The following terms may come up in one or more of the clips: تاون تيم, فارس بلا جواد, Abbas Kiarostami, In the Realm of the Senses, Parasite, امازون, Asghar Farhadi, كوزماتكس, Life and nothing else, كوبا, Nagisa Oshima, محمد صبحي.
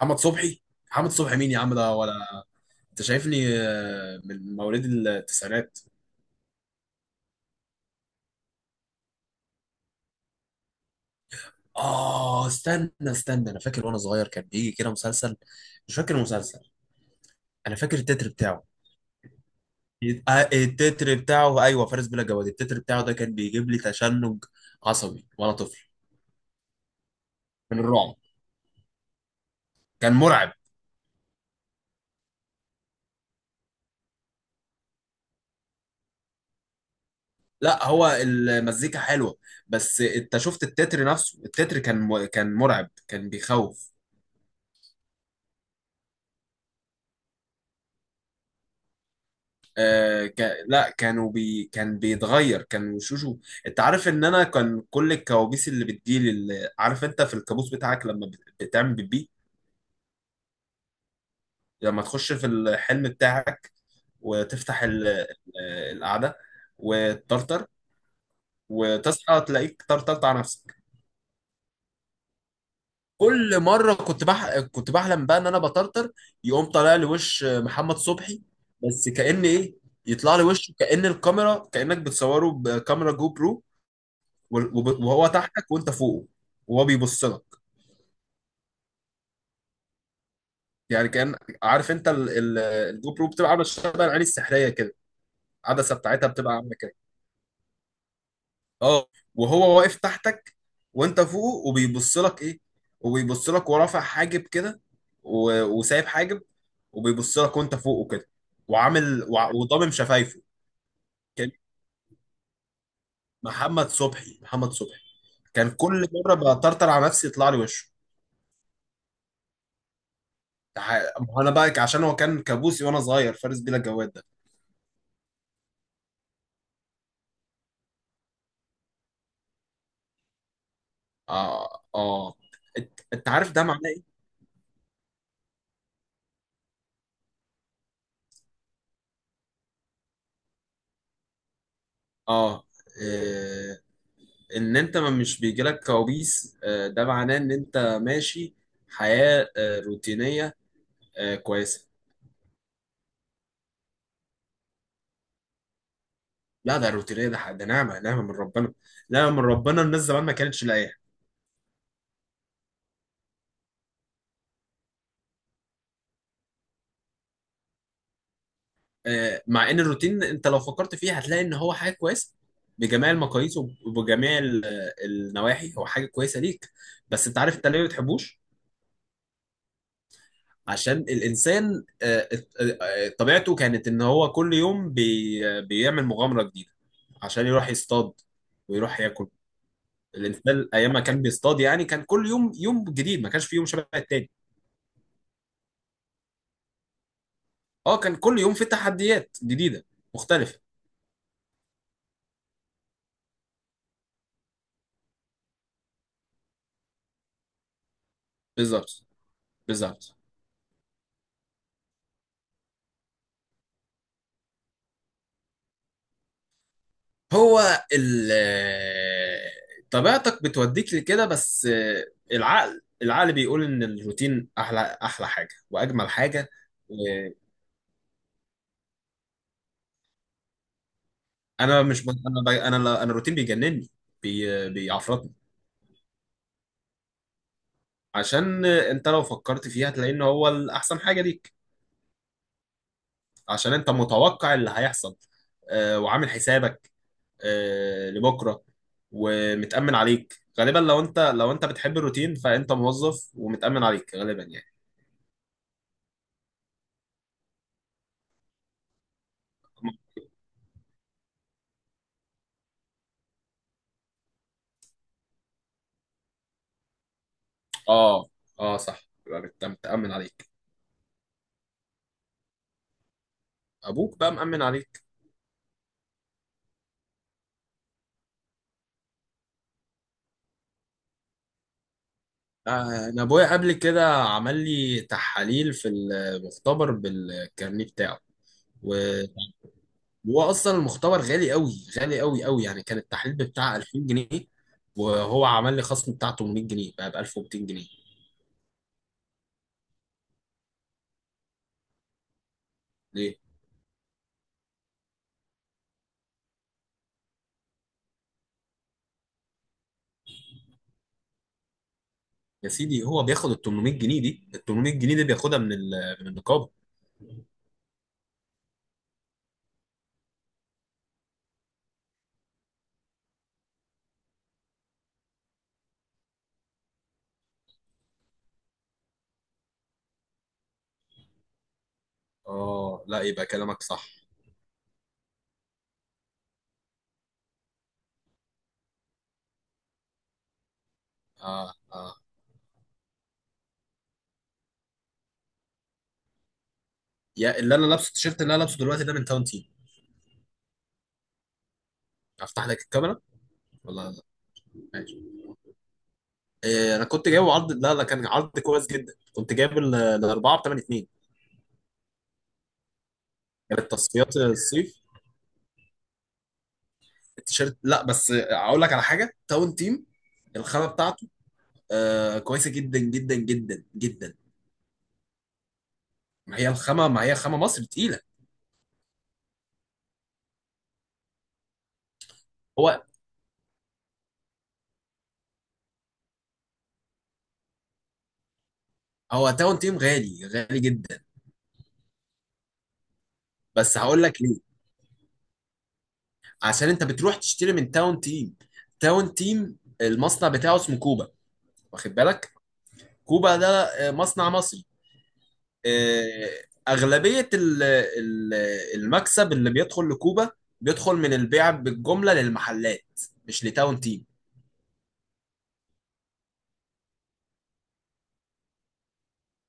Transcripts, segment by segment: محمد صبحي محمد صبحي، مين يا عم ده؟ ولا انت شايفني؟ من مواليد التسعينات. اه استنى استنى، انا فاكر وانا صغير كان بيجي كده مسلسل، مش فاكر المسلسل. انا فاكر التتر بتاعه. التتر بتاعه، ايوه، فارس بلا جواد. التتر بتاعه ده كان بيجيب لي تشنج عصبي وانا طفل، من الرعب. كان مرعب. لا، هو المزيكا حلوه، بس انت شفت التتر نفسه؟ التتر كان مرعب، كان بيخوف. آه ك... لا، كان بيتغير، كان وشوشه. انت عارف ان انا كان كل الكوابيس اللي بتجيلي، عارف انت في الكابوس بتاعك لما بتعمل بيبي؟ لما تخش في الحلم بتاعك وتفتح ال... آه، القعدة، وتطرطر، وتصحى تلاقيك طرطرت على نفسك. كل مرة كنت بحلم بقى ان انا بطرطر، يقوم طالع لي وش محمد صبحي. بس كأن ايه، يطلع لي وشه كأن الكاميرا، كأنك بتصوره بكاميرا جو برو، وهو تحتك وانت فوقه، وهو بيبص لك. يعني كان، عارف انت الجو برو بتبقى عامله شبه العين السحريه كده؟ العدسه بتاعتها بتبقى عامله كده. اه. وهو واقف تحتك، وانت فوقه وبيبص لك، ايه، وبيبص لك ورافع حاجب كده، وسايب حاجب، وبيبص لك وانت فوقه كده، وعامل وضامم شفايفه. كان، محمد صبحي، كان كل مره بطرطر على نفسي يطلع لي وشه. تع- انا بقى عشان هو كان كابوسي وانا صغير، فارس بيلا الجواد ده. اه اه. انت عارف ده معناه ايه؟ اه إيه، ان انت ما مش بيجيلك كوابيس، ده معناه ان انت ماشي حياة روتينية، كويسة. لا، ده روتينية، ده نعمة، نعمة من ربنا. نعمة من ربنا، الناس زمان ما كانتش لاقيها. مع ان الروتين، انت لو فكرت فيه هتلاقي ان هو حاجة كويسة، بجميع المقاييس وبجميع النواحي، هو حاجة كويسة ليك. بس انت عارف انت ليه ما بتحبوش؟ عشان الانسان، طبيعته كانت ان هو كل يوم بيعمل مغامره جديده، عشان يروح يصطاد ويروح ياكل. الانسان ايام ما كان بيصطاد، يعني كان كل يوم يوم جديد، ما كانش في يوم شبه التاني. اه، كان كل يوم في تحديات جديده مختلفه. بالظبط، بالظبط. هو ال آه، طبيعتك بتوديك لكده، بس العقل بيقول ان الروتين احلى، احلى حاجه واجمل حاجه. انا مش ب... انا ب... انا لا- انا الروتين بيجنني، بيعفرطني. عشان انت لو فكرت فيها هتلاقي ان هو الاحسن حاجه ليك. عشان انت متوقع اللي هيحصل، وعامل حسابك لبكره، ومتامن عليك غالبا. لو انت بتحب الروتين فانت موظف ومتامن عليك غالبا يعني. اه اه، صح، يبقى متامن عليك. ابوك بقى مامن عليك. انا ابويا قبل كده عمل لي تحاليل في المختبر بالكارنيه بتاعه. هو اصلا المختبر غالي قوي، غالي قوي قوي يعني. كان التحليل بتاع 2000 جنيه، وهو عمل لي خصم بتاع 800 جنيه، بقى ب 1200 جنيه. ليه؟ يا سيدي هو بياخد ال 800 جنيه دي، ال 800 جنيه دي بياخدها من من النقابه. اه. لا، يبقى كلامك صح. اه اه، يا اللي انا لابسه، التيشيرت اللي انا لابسه دلوقتي ده من تاون تيم. افتح لك الكاميرا ولا لا؟ ماشي. إيه، انا كنت جايب عرض، لا لا، كان عرض كويس جدا، كنت جايب الاربعه ب 82. كانت تصفيات الصيف. التيشيرت، لا، بس اقول لك على حاجه. تاون تيم الخامه بتاعته، كويسه جدا جدا جدا جدا. ما هي الخامه، ما هي خامه مصر تقيله. هو هو تاون تيم غالي، غالي جدا. بس هقول لك ليه. عشان انت بتروح تشتري من تاون تيم. تاون تيم المصنع بتاعه اسمه كوبا، واخد بالك؟ كوبا ده مصنع مصري. آه، اغلبيه المكسب اللي بيدخل لكوبا بيدخل من البيع بالجمله للمحلات، مش لتاون تيم.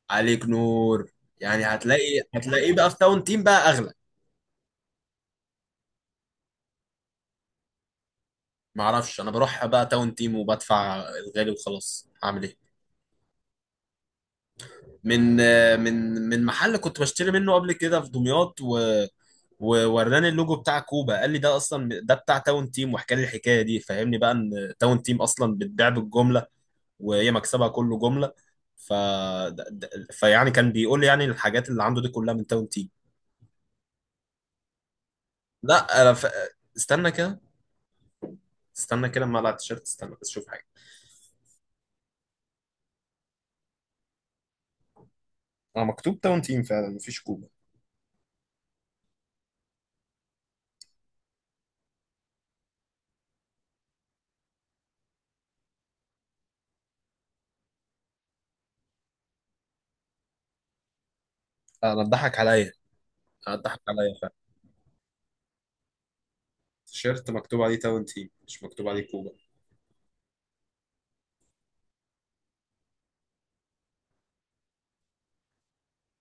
عليك نور. يعني هتلاقيه بقى في تاون تيم بقى اغلى. معرفش، انا بروح بقى تاون تيم وبدفع الغالي وخلاص، هعمل ايه؟ من، من محل كنت بشتري منه قبل كده في دمياط، ووراني اللوجو بتاع كوبا، قال لي ده اصلا ده بتاع تاون تيم، وحكى لي الحكايه دي، فهمني بقى ان تاون تيم اصلا بتبيع بالجمله وهي مكسبها كله جمله. ف ده- ده- فيعني كان بيقول لي يعني الحاجات اللي عنده دي كلها من تاون تيم. لا، استنى كده، استنى كده، اما اقلع التيشيرت، استنى بس شوف. انا مكتوب تاون تيم فعلا، مفيش كوبا. انا اتضحك عليا. انا اتضحك عليا فعلا. التيشيرت مكتوب عليه تاون تيم، مش مكتوب عليه كوبا.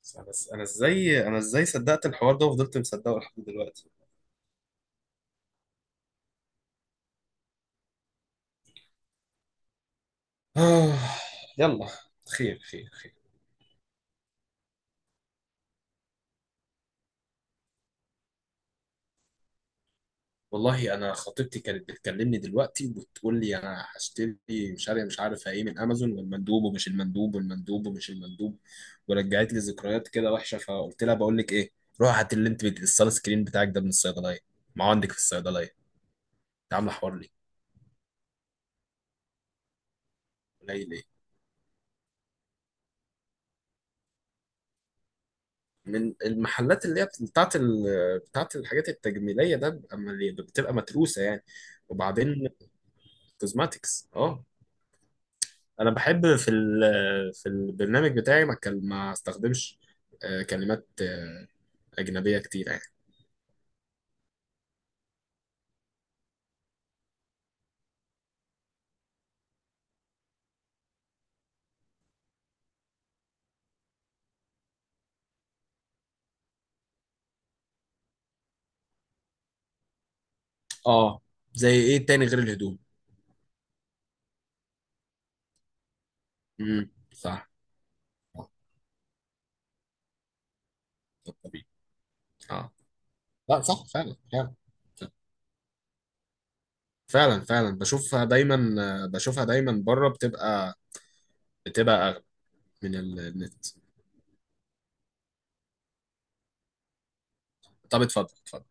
بس انا، ازاي، ازاي صدقت الحوار ده وفضلت مصدقه لحد دلوقتي؟ آه. يلا، خير خير خير. والله انا خطيبتي كانت بتكلمني دلوقتي وبتقول لي انا هشتري، مش عارف ايه، من امازون، والمندوب ومش المندوب، والمندوب ومش المندوب. ورجعت لي ذكريات كده وحشه، فقلت لها بقول لك ايه، روح هات اللي انت الصال سكرين بتاعك ده من الصيدليه، ما هو عندك في الصيدليه، انت عامله حوار ليه؟ قليلين. من المحلات اللي هي بتاعت الحاجات التجميليه ده بتبقى بتبقى متروسه يعني. وبعدين، كوزماتكس، اه. انا بحب في في البرنامج بتاعي ما كان ما استخدمش كلمات اجنبيه كتير يعني. اه، زي ايه تاني غير الهدوم؟ صح. آه، طب طبيعي. اه، لا صح فعلا، فعلا فعلا فعلا بشوفها دايما، بشوفها دايما بره، بتبقى، اغلى من النت. طب اتفضل، اتفضل.